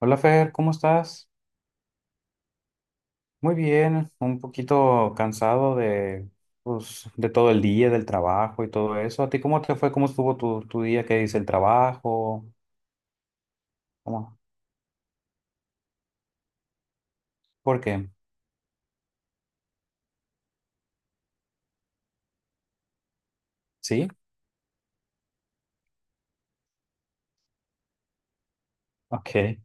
Hola Fer, ¿cómo estás? Muy bien, un poquito cansado de, pues, de todo el día, del trabajo y todo eso. ¿A ti cómo te fue? ¿Cómo estuvo tu día? ¿Qué dice el trabajo? ¿Cómo? ¿Por qué? ¿Sí? Ok.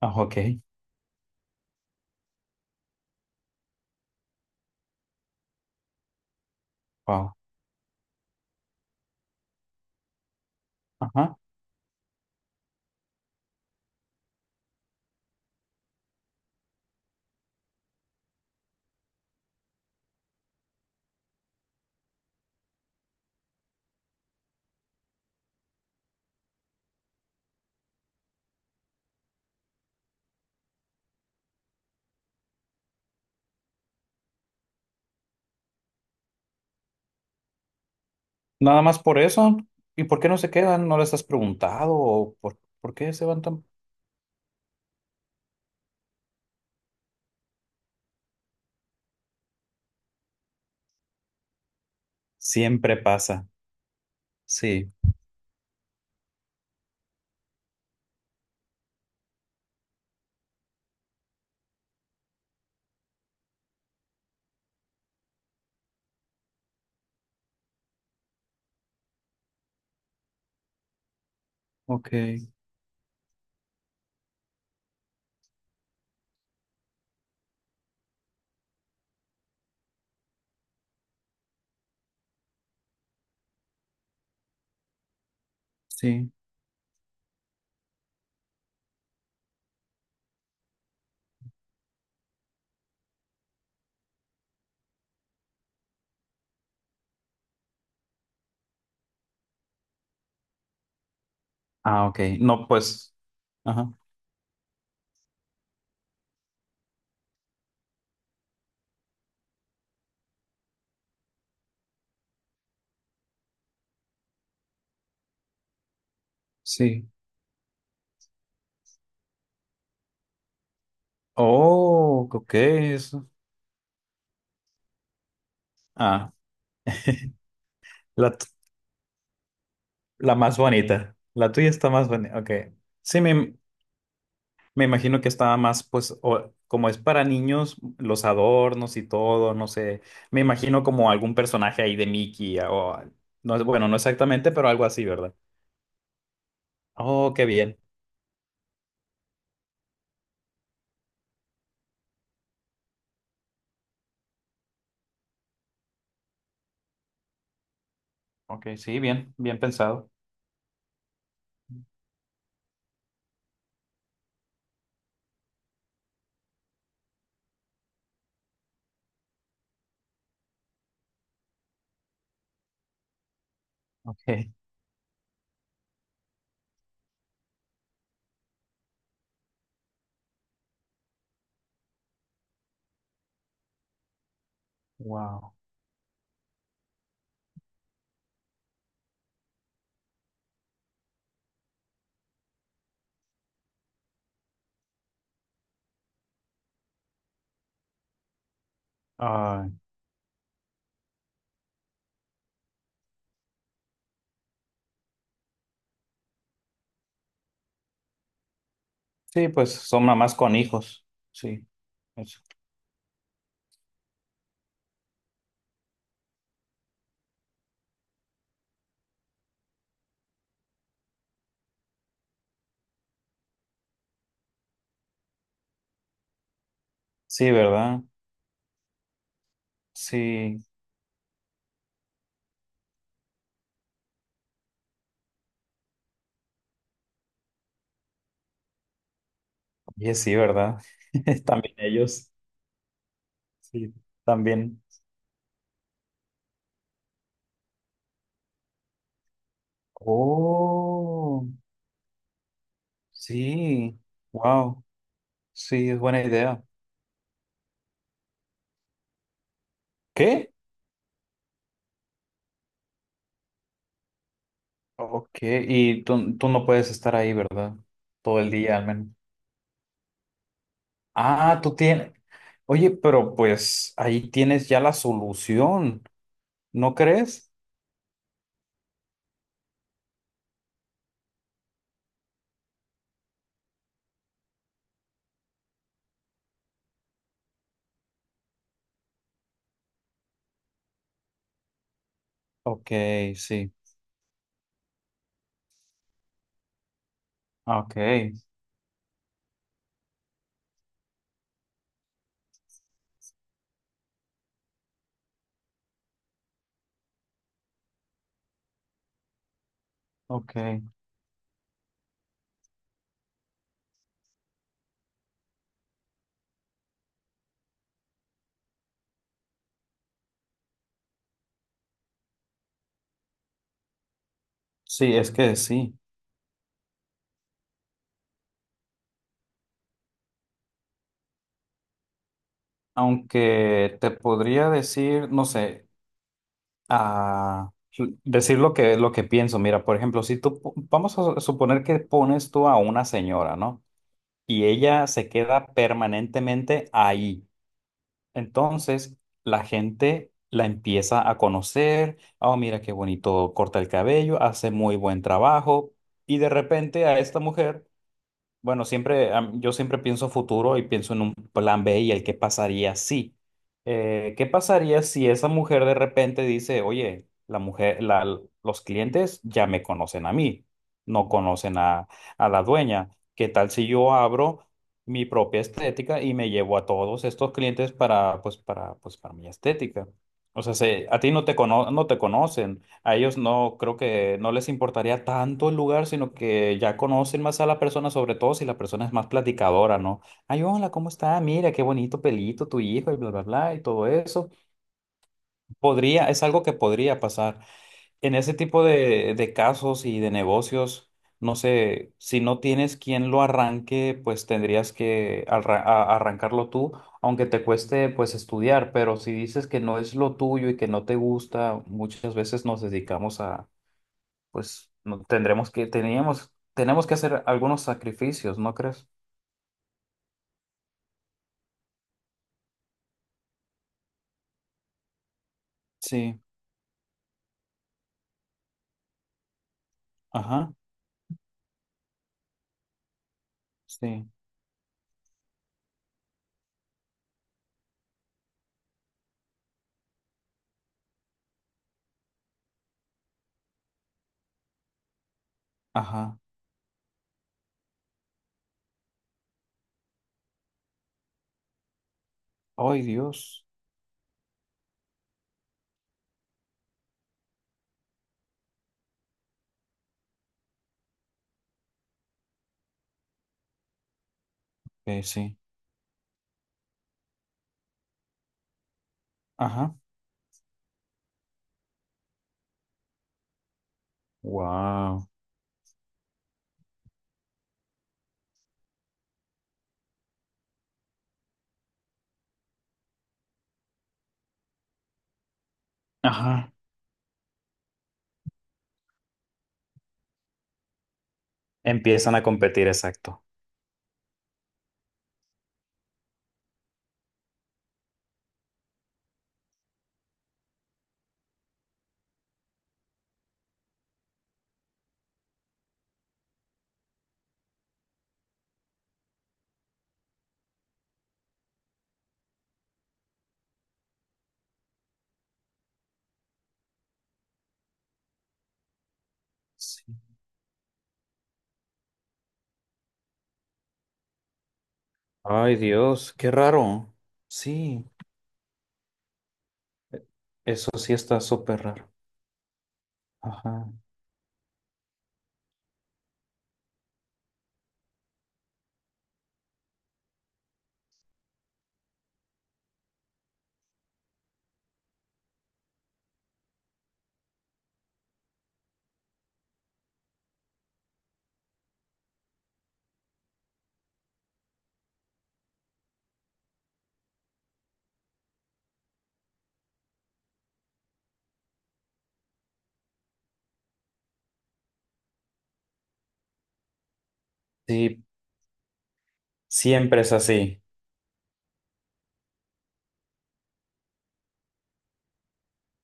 Ah, ok. Wow. Ajá. Nada más por eso. ¿Y por qué no se quedan? ¿No les has preguntado? ¿O por qué se van tan...? Siempre pasa. Sí. Ok. Sí. Ah, ok. No, pues. Ajá. Sí. Oh, ok. Eso. Ah. la La más bonita. La tuya está más bonita. Ok. Sí, me imagino que estaba más, pues, o- como es para niños, los adornos y todo, no sé. Me imagino como algún personaje ahí de Mickey o no es, bueno, no exactamente, pero algo así, ¿verdad? Oh, qué bien. Ok, sí, bien, bien pensado. Ok. Wow. Ah, sí, pues son mamás con hijos. Sí. Eso. Sí, ¿verdad? Sí. Oye, sí, ¿verdad? También ellos. Sí, también. Oh, sí, wow, sí, es buena idea. ¿Qué? Ok, y tú no puedes estar ahí, ¿verdad? Todo el día al menos. Ah, tú tienes. Oye, pero pues ahí tienes ya la solución, ¿no crees? Ok, sí, ok, ok. Sí, es que sí. Aunque te podría decir, no sé, a decir lo que pienso. Mira, por ejemplo, si tú, po- vamos a suponer que pones tú a una señora, ¿no? Y ella se queda permanentemente ahí. Entonces, la gente la empieza a conocer. Oh, mira qué bonito corta el cabello, hace muy buen trabajo. Y de repente a esta mujer bueno, siempre, am- yo siempre pienso futuro y pienso en un plan B y el qué pasaría si. ¿Qué pasaría si esa mujer de repente dice, oye, los clientes ya me conocen a mí, no conocen a la dueña? ¿Qué tal si yo abro mi propia estética y me llevo a todos estos clientes para mi estética? O sea, se- a ti no te cono- no te conocen. A ellos no, creo que no les importaría tanto el lugar, sino que ya conocen más a la persona, sobre todo si la persona es más platicadora, ¿no? Ay, hola, ¿cómo está? Mira, qué bonito pelito tu hijo y bla, bla, bla, y todo eso. Podría, es algo que podría pasar. En ese tipo de casos y de negocios, no sé, si no tienes quien lo arranque, pues tendrías que arra- a- arrancarlo tú, aunque te cueste pues estudiar, pero si dices que no es lo tuyo y que no te gusta, muchas veces nos dedicamos a pues no, tenemos que hacer algunos sacrificios, ¿no crees? Sí, ajá, sí, ajá. Ay, Dios. Sí, ajá. Wow. Ajá. Empiezan a competir, exacto. Sí. Ay, Dios, qué raro. Sí, e- eso sí está súper raro. Ajá. Sí, siempre es así.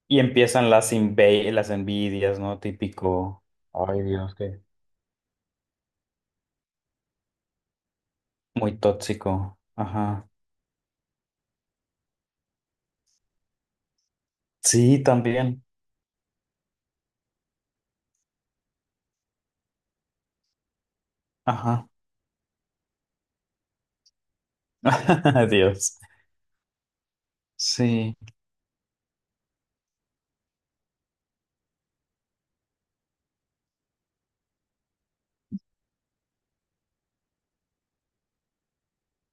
Y empiezan las inve- las envidias, ¿no? Típico. Ay, Dios, qué. Muy tóxico. Ajá. Sí, también. Ajá. Dios. Sí.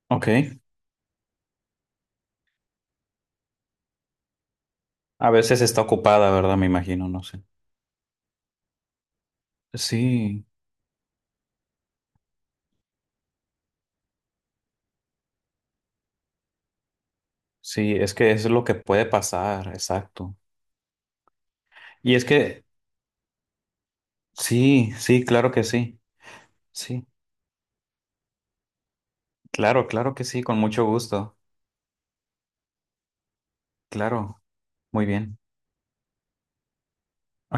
Ok. A veces está ocupada, ¿verdad? Me imagino, no sé. Sí, sí, es que es lo que puede pasar, exacto. Y es que, sí, sí, claro que sí. Sí, claro, claro que sí, con mucho gusto. Claro, muy bien.